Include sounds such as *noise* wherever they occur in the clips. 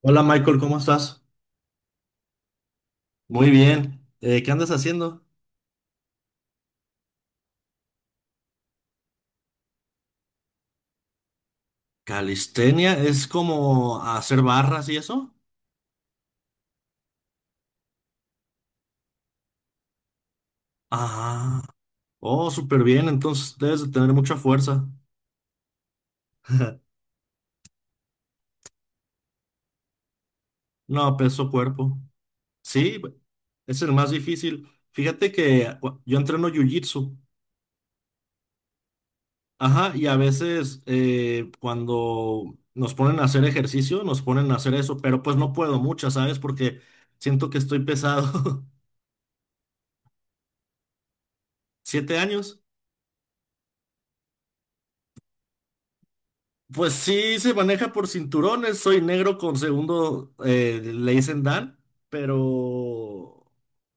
Hola Michael, ¿cómo estás? Muy bien. ¿Qué andas haciendo? Calistenia es como hacer barras y eso. Ah, oh, súper bien. Entonces debes de tener mucha fuerza. *laughs* No, peso cuerpo. Sí, es el más difícil. Fíjate que yo entreno jiu-jitsu. Ajá, y a veces cuando nos ponen a hacer ejercicio, nos ponen a hacer eso, pero pues no puedo mucho, ¿sabes? Porque siento que estoy pesado. *laughs* ¿7 años? Pues sí, se maneja por cinturones. Soy negro con segundo, le dicen Dan, pero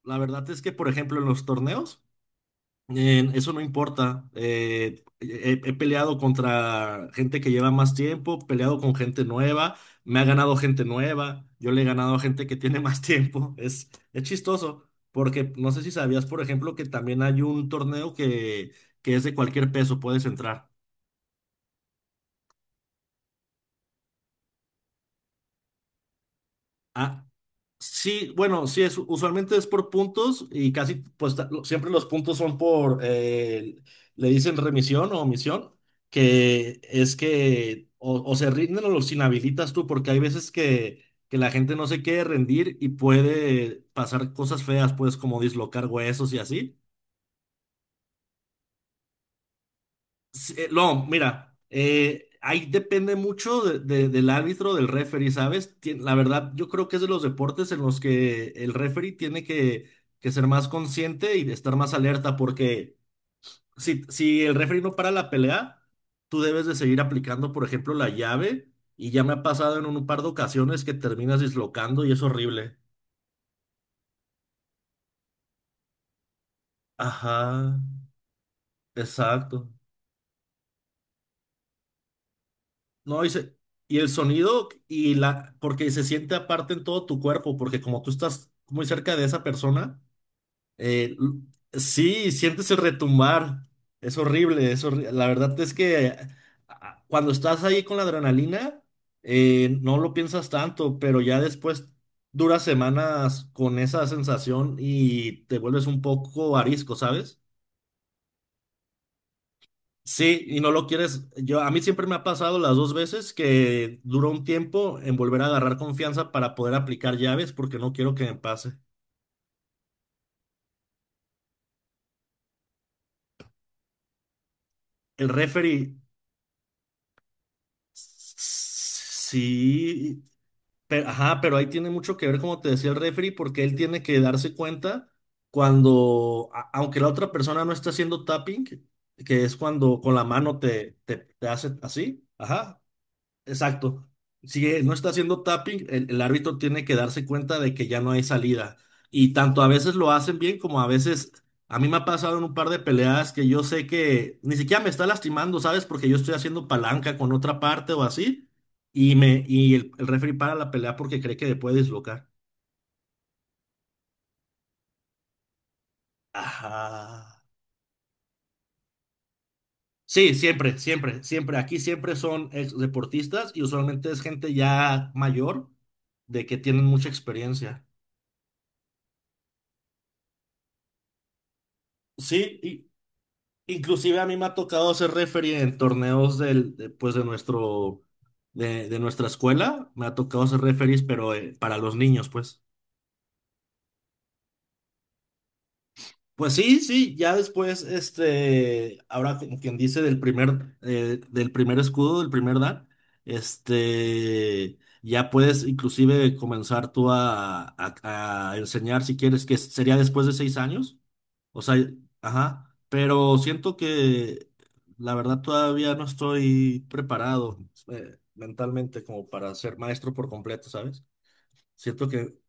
la verdad es que, por ejemplo, en los torneos, eso no importa. He peleado contra gente que lleva más tiempo, peleado con gente nueva, me ha ganado gente nueva, yo le he ganado a gente que tiene *laughs* más tiempo. Es chistoso, porque no sé si sabías, por ejemplo, que también hay un torneo que es de cualquier peso, puedes entrar. Ah, sí, bueno, sí, usualmente es por puntos y casi, pues siempre los puntos son por, le dicen remisión o omisión, que es que o se rinden o los inhabilitas tú, porque hay veces que la gente no se quiere rendir y puede pasar cosas feas, pues como dislocar huesos y así. Sí, no, mira, ahí depende mucho del árbitro, del referee, ¿sabes? La verdad, yo creo que es de los deportes en los que el referee tiene que ser más consciente y de estar más alerta, porque si el referee no para la pelea, tú debes de seguir aplicando, por ejemplo, la llave, y ya me ha pasado en un par de ocasiones que terminas dislocando y es horrible. Ajá, exacto. No, y, y el sonido y la, porque se siente aparte en todo tu cuerpo, porque como tú estás muy cerca de esa persona, eh, sí, sientes el retumbar. Es horrible. La verdad es que cuando estás ahí con la adrenalina, no lo piensas tanto, pero ya después duras semanas con esa sensación y te vuelves un poco arisco, ¿sabes? Sí, y no lo quieres. A mí siempre me ha pasado las dos veces que duró un tiempo en volver a agarrar confianza para poder aplicar llaves porque no quiero que me pase. El referee, sí, ajá, pero ahí tiene mucho que ver, como te decía el referee, porque él tiene que darse cuenta cuando, aunque la otra persona no está haciendo tapping, que es cuando con la mano te hace así, ajá. Exacto. Si no está haciendo tapping, el árbitro tiene que darse cuenta de que ya no hay salida. Y tanto a veces lo hacen bien como a veces, a mí me ha pasado en un par de peleas que yo sé que ni siquiera me está lastimando, ¿sabes? Porque yo estoy haciendo palanca con otra parte o así. Y el referee para la pelea porque cree que le puede dislocar. Ajá. Sí, siempre, siempre, siempre. Aquí siempre son ex deportistas y usualmente es gente ya mayor de que tienen mucha experiencia. Sí, inclusive a mí me ha tocado ser referee en torneos pues de nuestro, de nuestra escuela. Me ha tocado ser referees, pero para los niños, pues. Pues sí, sí, ya después, ahora como quien dice del primer escudo, del primer dan, ya puedes inclusive comenzar tú a enseñar si quieres, que sería después de 6 años, o sea, ajá, pero siento que la verdad todavía no estoy preparado, mentalmente como para ser maestro por completo, ¿sabes? Siento que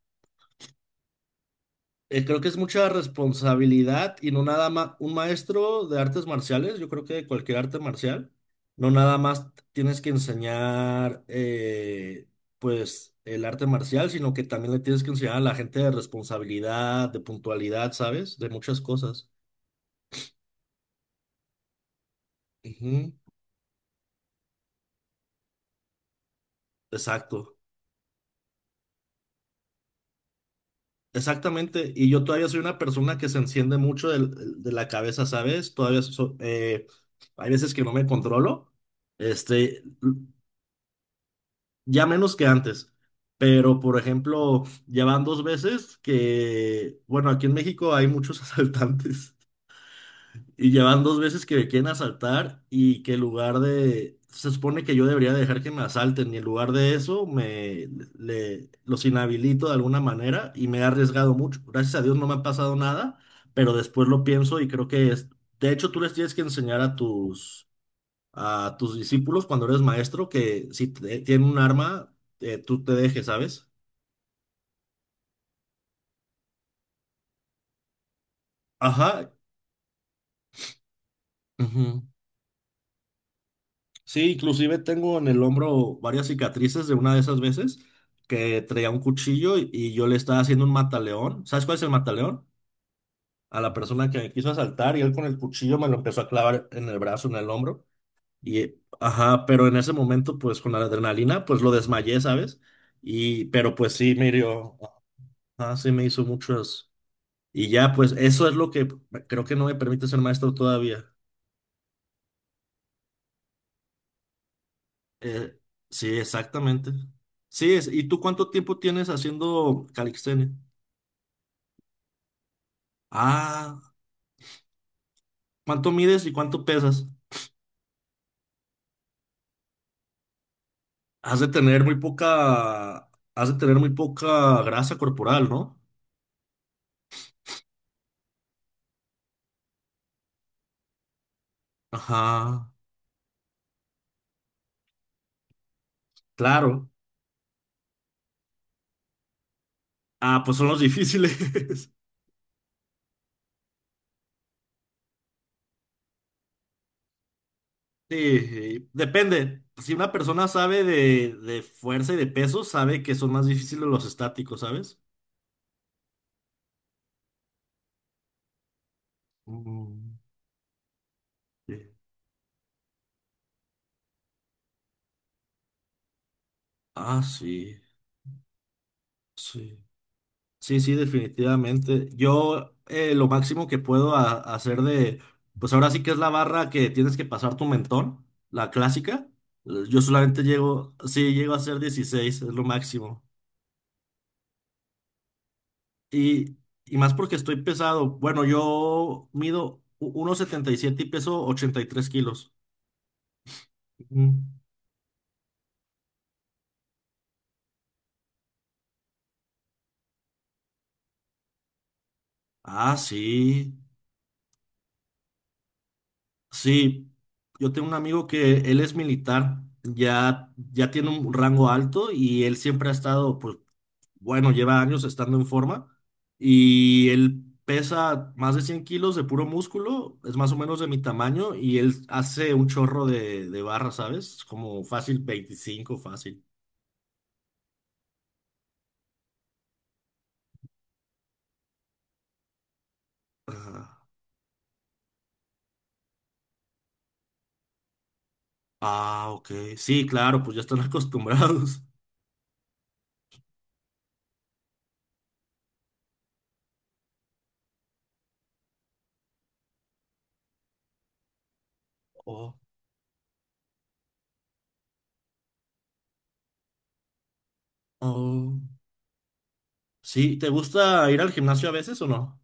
Creo que es mucha responsabilidad y no nada más un maestro de artes marciales, yo creo que de cualquier arte marcial, no nada más tienes que enseñar pues el arte marcial, sino que también le tienes que enseñar a la gente de responsabilidad, de puntualidad, ¿sabes? De muchas cosas. Ujú, exacto, exactamente. Y yo todavía soy una persona que se enciende mucho de la cabeza, ¿sabes? Hay veces que no me controlo. Este, ya menos que antes. Pero, por ejemplo, ya van dos veces que, bueno, aquí en México hay muchos *laughs* asaltantes y ya van dos veces que me quieren asaltar y que en lugar de, se supone que yo debería dejar que me asalten y en lugar de eso los inhabilito de alguna manera y me he arriesgado mucho. Gracias a Dios no me ha pasado nada, pero después lo pienso y creo que es, de hecho tú les tienes que enseñar a tus discípulos cuando eres maestro que si tienen un arma, tú te dejes, ¿sabes? Ajá. Ujú. Sí, inclusive tengo en el hombro varias cicatrices de una de esas veces que traía un cuchillo y yo le estaba haciendo un mataleón. ¿Sabes cuál es el mataleón? A la persona que me quiso asaltar y él con el cuchillo me lo empezó a clavar en el brazo, en el hombro. Y, ajá, pero en ese momento, pues con la adrenalina, pues lo desmayé, ¿sabes? Pero pues sí, me hirió. Ajá, sí me hizo muchas. Y ya, pues eso es lo que creo que no me permite ser maestro todavía. Eh, sí, exactamente. Sí, es, ¿y tú cuánto tiempo tienes haciendo calistenia? Ah, ¿cuánto mides y cuánto pesas? Has de tener muy poca, has de tener muy poca grasa corporal, ¿no? Ajá, claro. Ah, pues son los difíciles. *laughs* Sí, depende. Si una persona sabe de fuerza y de peso, sabe que son más difíciles los estáticos, ¿sabes? Mm, sí. Ah, sí, sí. Sí, sí, definitivamente. Yo Lo máximo que puedo hacer pues ahora sí que es la barra que tienes que pasar tu mentón, la clásica. Yo solamente llego a ser 16, es lo máximo. Y, y más porque estoy pesado. Bueno, yo mido 1,77 y peso 83 kilos. Ujú. Ah, sí. Sí, yo tengo un amigo que él es militar, ya tiene un rango alto y él siempre ha estado, pues, bueno, lleva años estando en forma y él pesa más de 100 kilos de puro músculo, es más o menos de mi tamaño y él hace un chorro de barras, ¿sabes? Como fácil 25, fácil. Ajá. Ah, ok. Sí, claro, pues ya están *laughs* acostumbrados. Oh, oh. Sí, ¿te gusta ir al gimnasio a veces o no?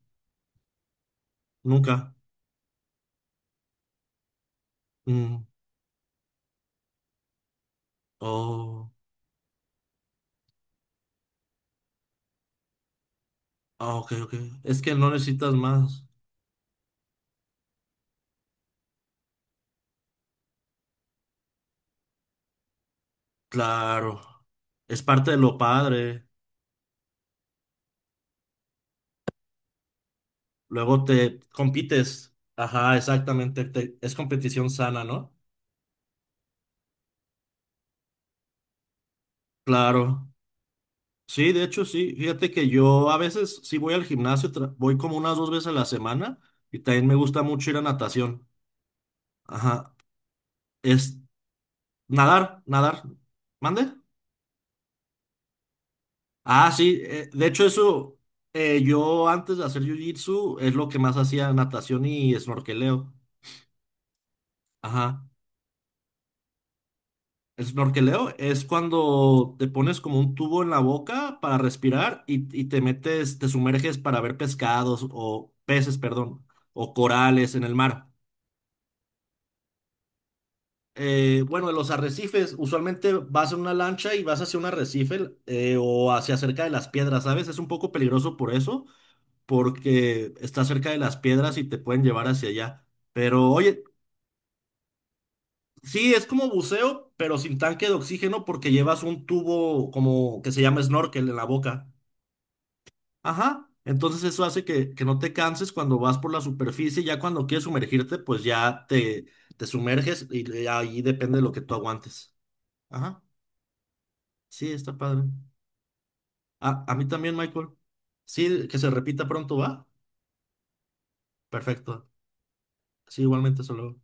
Nunca. Mm. Oh, ah, ok, ok. Es que no necesitas más. Claro. Es parte de lo padre. Luego te compites. Ajá, exactamente. Es competición sana, ¿no? Claro. Sí, de hecho, sí. Fíjate que yo a veces sí voy al gimnasio, voy como unas dos veces a la semana y también me gusta mucho ir a natación. Ajá. Es nadar, nadar. ¿Mande? Ah, sí, de hecho eso, yo antes de hacer jiu-jitsu es lo que más hacía natación y snorkeleo. Ajá. El snorkeleo es cuando te pones como un tubo en la boca para respirar y te metes, te sumerges para ver pescados o peces, perdón, o corales en el mar. Bueno, en los arrecifes, usualmente vas en una lancha y vas hacia un arrecife o hacia cerca de las piedras, ¿sabes? Es un poco peligroso por eso porque está cerca de las piedras y te pueden llevar hacia allá. Pero oye, sí, es como buceo, pero sin tanque de oxígeno porque llevas un tubo como que se llama snorkel en la boca. Ajá. Entonces eso hace que, no te canses cuando vas por la superficie, ya cuando quieres sumergirte, pues ya te sumerges ahí depende de lo que tú aguantes. Ajá. Sí, está padre. A mí también, Michael. Sí, que se repita pronto, ¿va? Perfecto. Sí, igualmente, solo.